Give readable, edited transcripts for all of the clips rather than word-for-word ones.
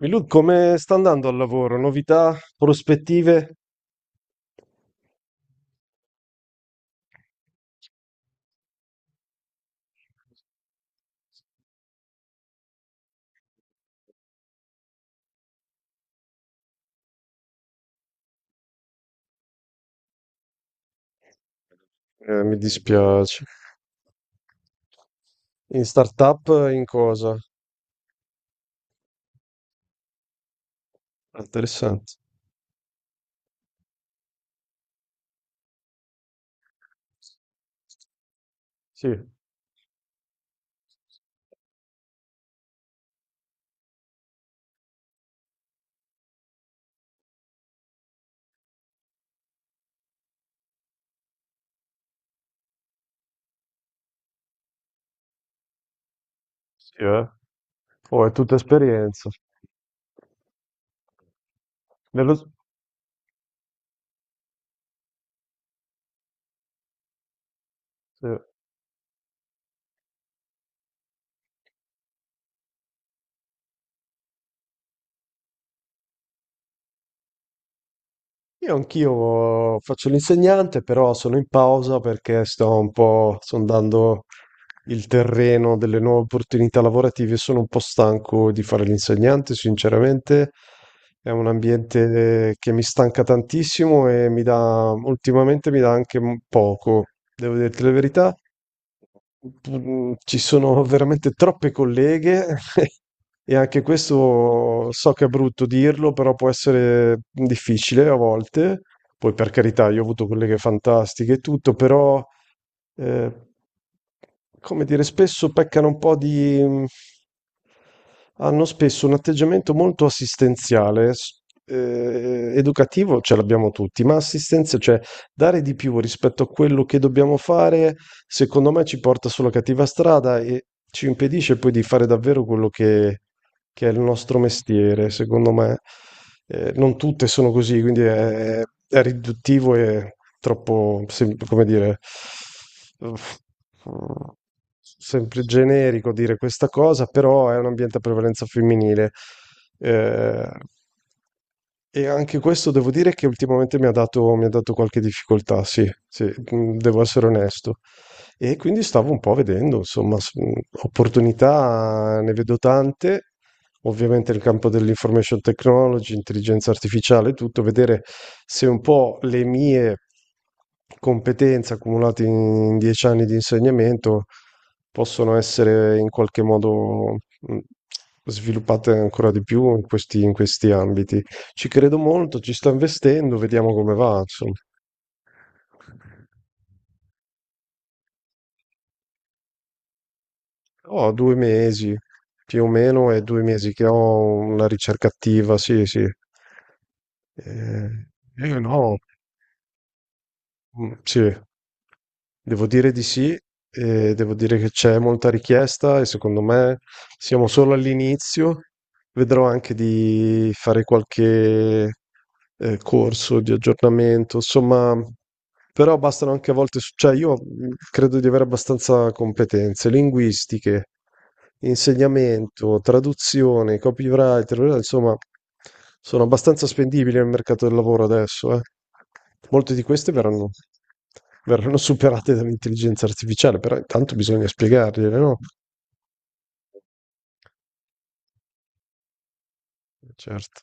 Milud, come sta andando al lavoro? Novità, prospettive? Mi dispiace. In startup, in cosa? Ah, interessante. Sì, sì, eh. Oh, è tutta esperienza. Nello. Sì. Io anch'io faccio l'insegnante, però sono in pausa perché sto un po' sondando il terreno delle nuove opportunità lavorative. Sono un po' stanco di fare l'insegnante, sinceramente. È un ambiente che mi stanca tantissimo e mi dà, ultimamente mi dà anche poco. Devo dirti la verità, ci sono veramente troppe colleghe e anche questo so che è brutto dirlo, però può essere difficile a volte. Poi per carità, io ho avuto colleghe fantastiche e tutto, però eh, come dire, spesso peccano un po' di hanno spesso un atteggiamento molto assistenziale, educativo ce l'abbiamo tutti, ma assistenza, cioè dare di più rispetto a quello che dobbiamo fare, secondo me ci porta sulla cattiva strada e ci impedisce poi di fare davvero quello che è il nostro mestiere, secondo me. Non tutte sono così, quindi è riduttivo e troppo, come dire, uff, sempre generico dire questa cosa, però è un ambiente a prevalenza femminile. Eh, e anche questo devo dire che ultimamente mi ha dato qualche difficoltà, sì, sì, devo essere onesto. E quindi stavo un po' vedendo, insomma, opportunità ne vedo tante, ovviamente nel campo dell'information technology, intelligenza artificiale, tutto, vedere se un po' le mie competenze accumulate in 10 anni di insegnamento possono essere in qualche modo mm, sviluppate ancora di più in questi ambiti. Ci credo molto, ci sto investendo, vediamo come va, insomma. Ho 2 mesi, più o meno, è 2 mesi che ho una ricerca attiva, sì, sì. Io no, sì, devo dire di sì, devo dire che c'è molta richiesta e secondo me siamo solo all'inizio. Vedrò anche di fare qualche corso di aggiornamento, insomma. Però bastano anche a volte, cioè io credo di avere abbastanza competenze linguistiche, insegnamento, traduzione, copywriter, insomma, sono abbastanza spendibili nel mercato del lavoro adesso, eh. Molte di queste verranno superate dall'intelligenza artificiale, però intanto bisogna spiegargliele, no? Certo.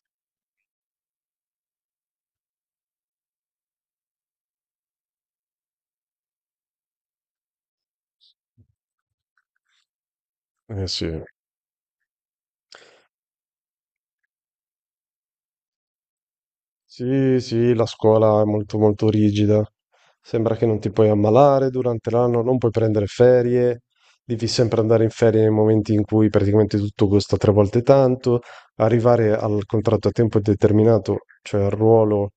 Eh sì. Sì, sì, la scuola è molto molto rigida. Sembra che non ti puoi ammalare durante l'anno, non puoi prendere ferie, devi sempre andare in ferie nei momenti in cui praticamente tutto costa tre volte tanto. Arrivare al contratto a tempo determinato, cioè al ruolo,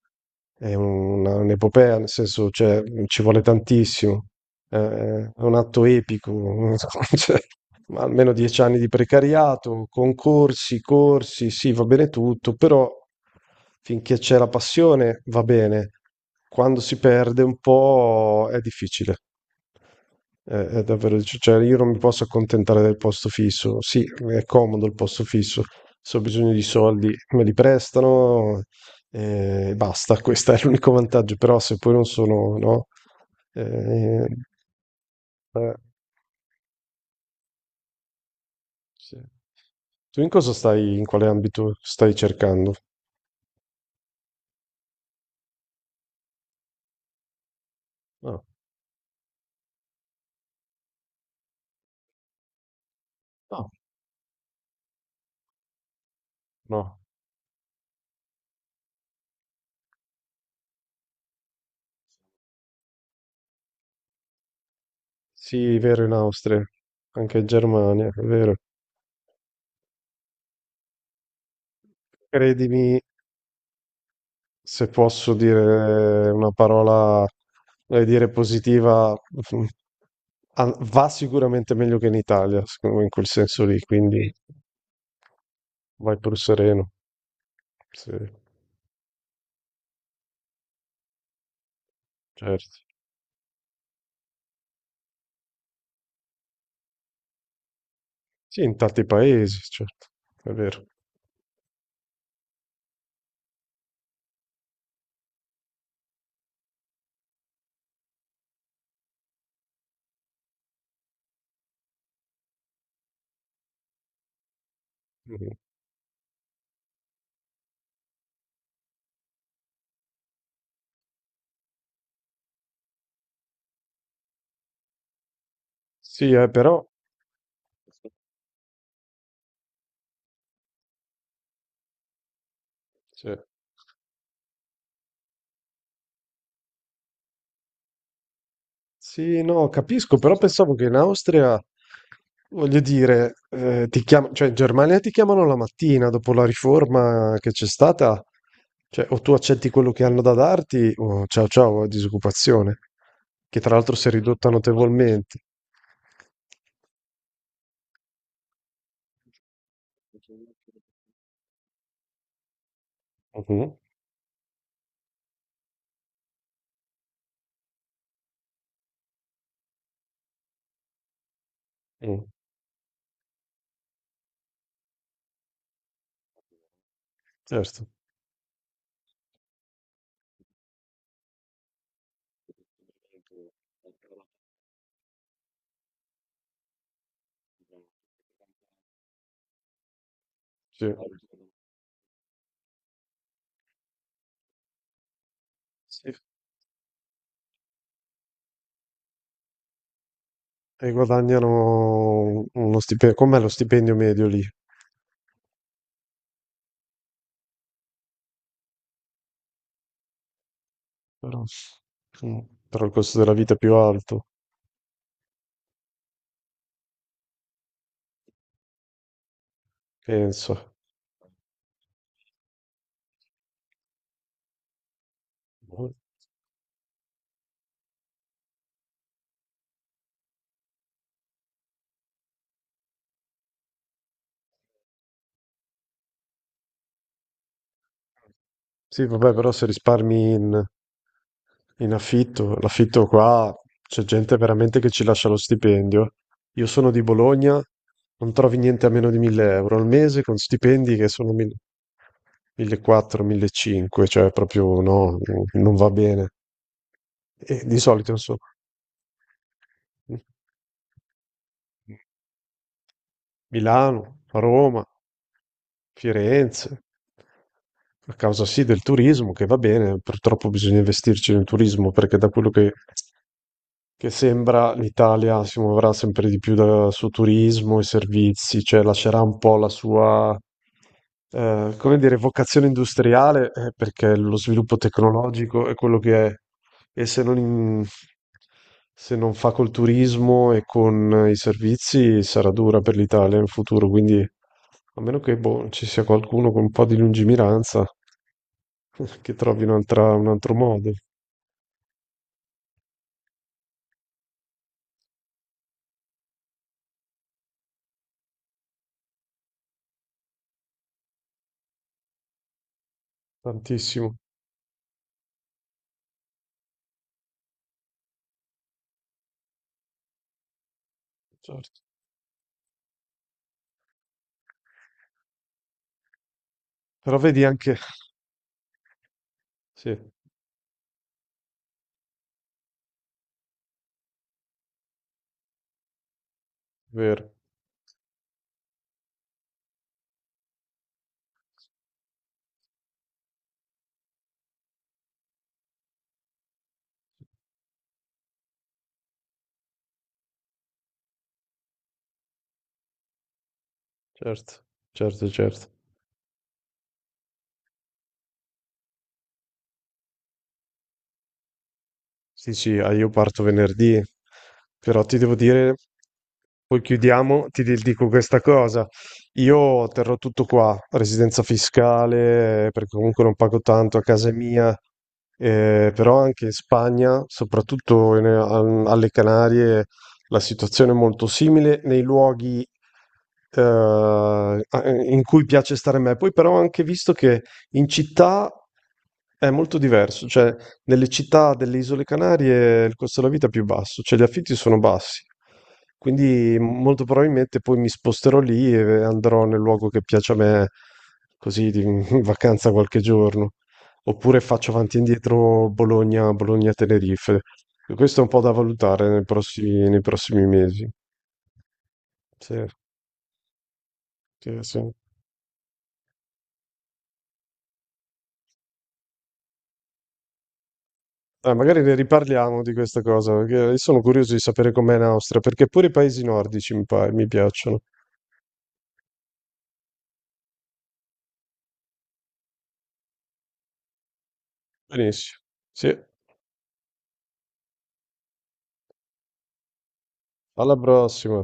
è un'epopea, nel senso, cioè, ci vuole tantissimo. Eh, È un atto epico. Cioè ma almeno 10 anni di precariato, concorsi, corsi, sì, va bene tutto, però finché c'è la passione va bene, quando si perde un po' è difficile. È davvero, cioè io non mi posso accontentare del posto fisso. Sì, è comodo il posto fisso. Se ho bisogno di soldi me li prestano e basta. Questo è l'unico vantaggio. Però se poi non sono, no? Eh, eh, sì. Tu in cosa stai, in quale ambito stai cercando? No, no, no. Sì, è vero, in Austria, anche in Germania, è vero. Credimi, se posso dire una parola, voglio dire positiva, mm, ah, va sicuramente meglio che in Italia, secondo me, in quel senso lì, quindi vai pur sereno. Sì, certo. Sì, in tanti paesi, certo, è vero. Mh-mh. Sì, però sì. Sì, no, capisco, però pensavo che in Austria, voglio dire, cioè in Germania ti chiamano la mattina dopo la riforma che c'è stata, cioè o tu accetti quello che hanno da darti o ciao ciao, disoccupazione, che tra l'altro si è ridotta notevolmente. Mhm, mm, certo. Sì. Sì. E guadagnano uno stipendio, com'è lo stipendio medio lì? Però, mm, però il costo della vita è più alto, penso. Sì, vabbè, però se risparmi in, in affitto, l'affitto qua c'è gente veramente che ci lascia lo stipendio. Io sono di Bologna, non trovi niente a meno di 1000 euro al mese con stipendi che sono 1000 1400, 1500, cioè proprio no, non va bene. E di solito insomma. Mh. Milano, Roma, Firenze. A causa sì del turismo che va bene, purtroppo bisogna investirci nel turismo perché da quello che che sembra l'Italia si muoverà sempre di più dal suo turismo e servizi, cioè lascerà un po' la sua, come dire, vocazione industriale, perché lo sviluppo tecnologico è quello che è, e se non fa col turismo e con i servizi sarà dura per l'Italia in futuro, quindi a meno che boh, ci sia qualcuno con un po' di lungimiranza che trovi un altro modo, tantissimo, certo. Però vedi anche, sì. Vero, certo, certo, certo. Sì, sì, ah, io parto venerdì, però ti devo dire poi chiudiamo, dico questa cosa. Io terrò tutto qua, residenza fiscale, perché comunque non pago tanto a casa mia, però anche in Spagna, soprattutto alle Canarie, la situazione è molto simile nei luoghi in cui piace stare a me. Poi però ho anche visto che in città è molto diverso, cioè nelle città delle Isole Canarie il costo della vita è più basso, cioè gli affitti sono bassi. Quindi molto probabilmente poi mi sposterò lì e andrò nel luogo che piace a me, in vacanza qualche giorno. Oppure faccio avanti e indietro Bologna, Bologna-Tenerife. E questo è un po' da valutare nei prossimi mesi. Sì, sì, sì. Magari ne riparliamo di questa cosa, perché io sono curioso di sapere com'è in Austria, perché pure i paesi nordici mi piacciono. Benissimo. Sì. Alla prossima.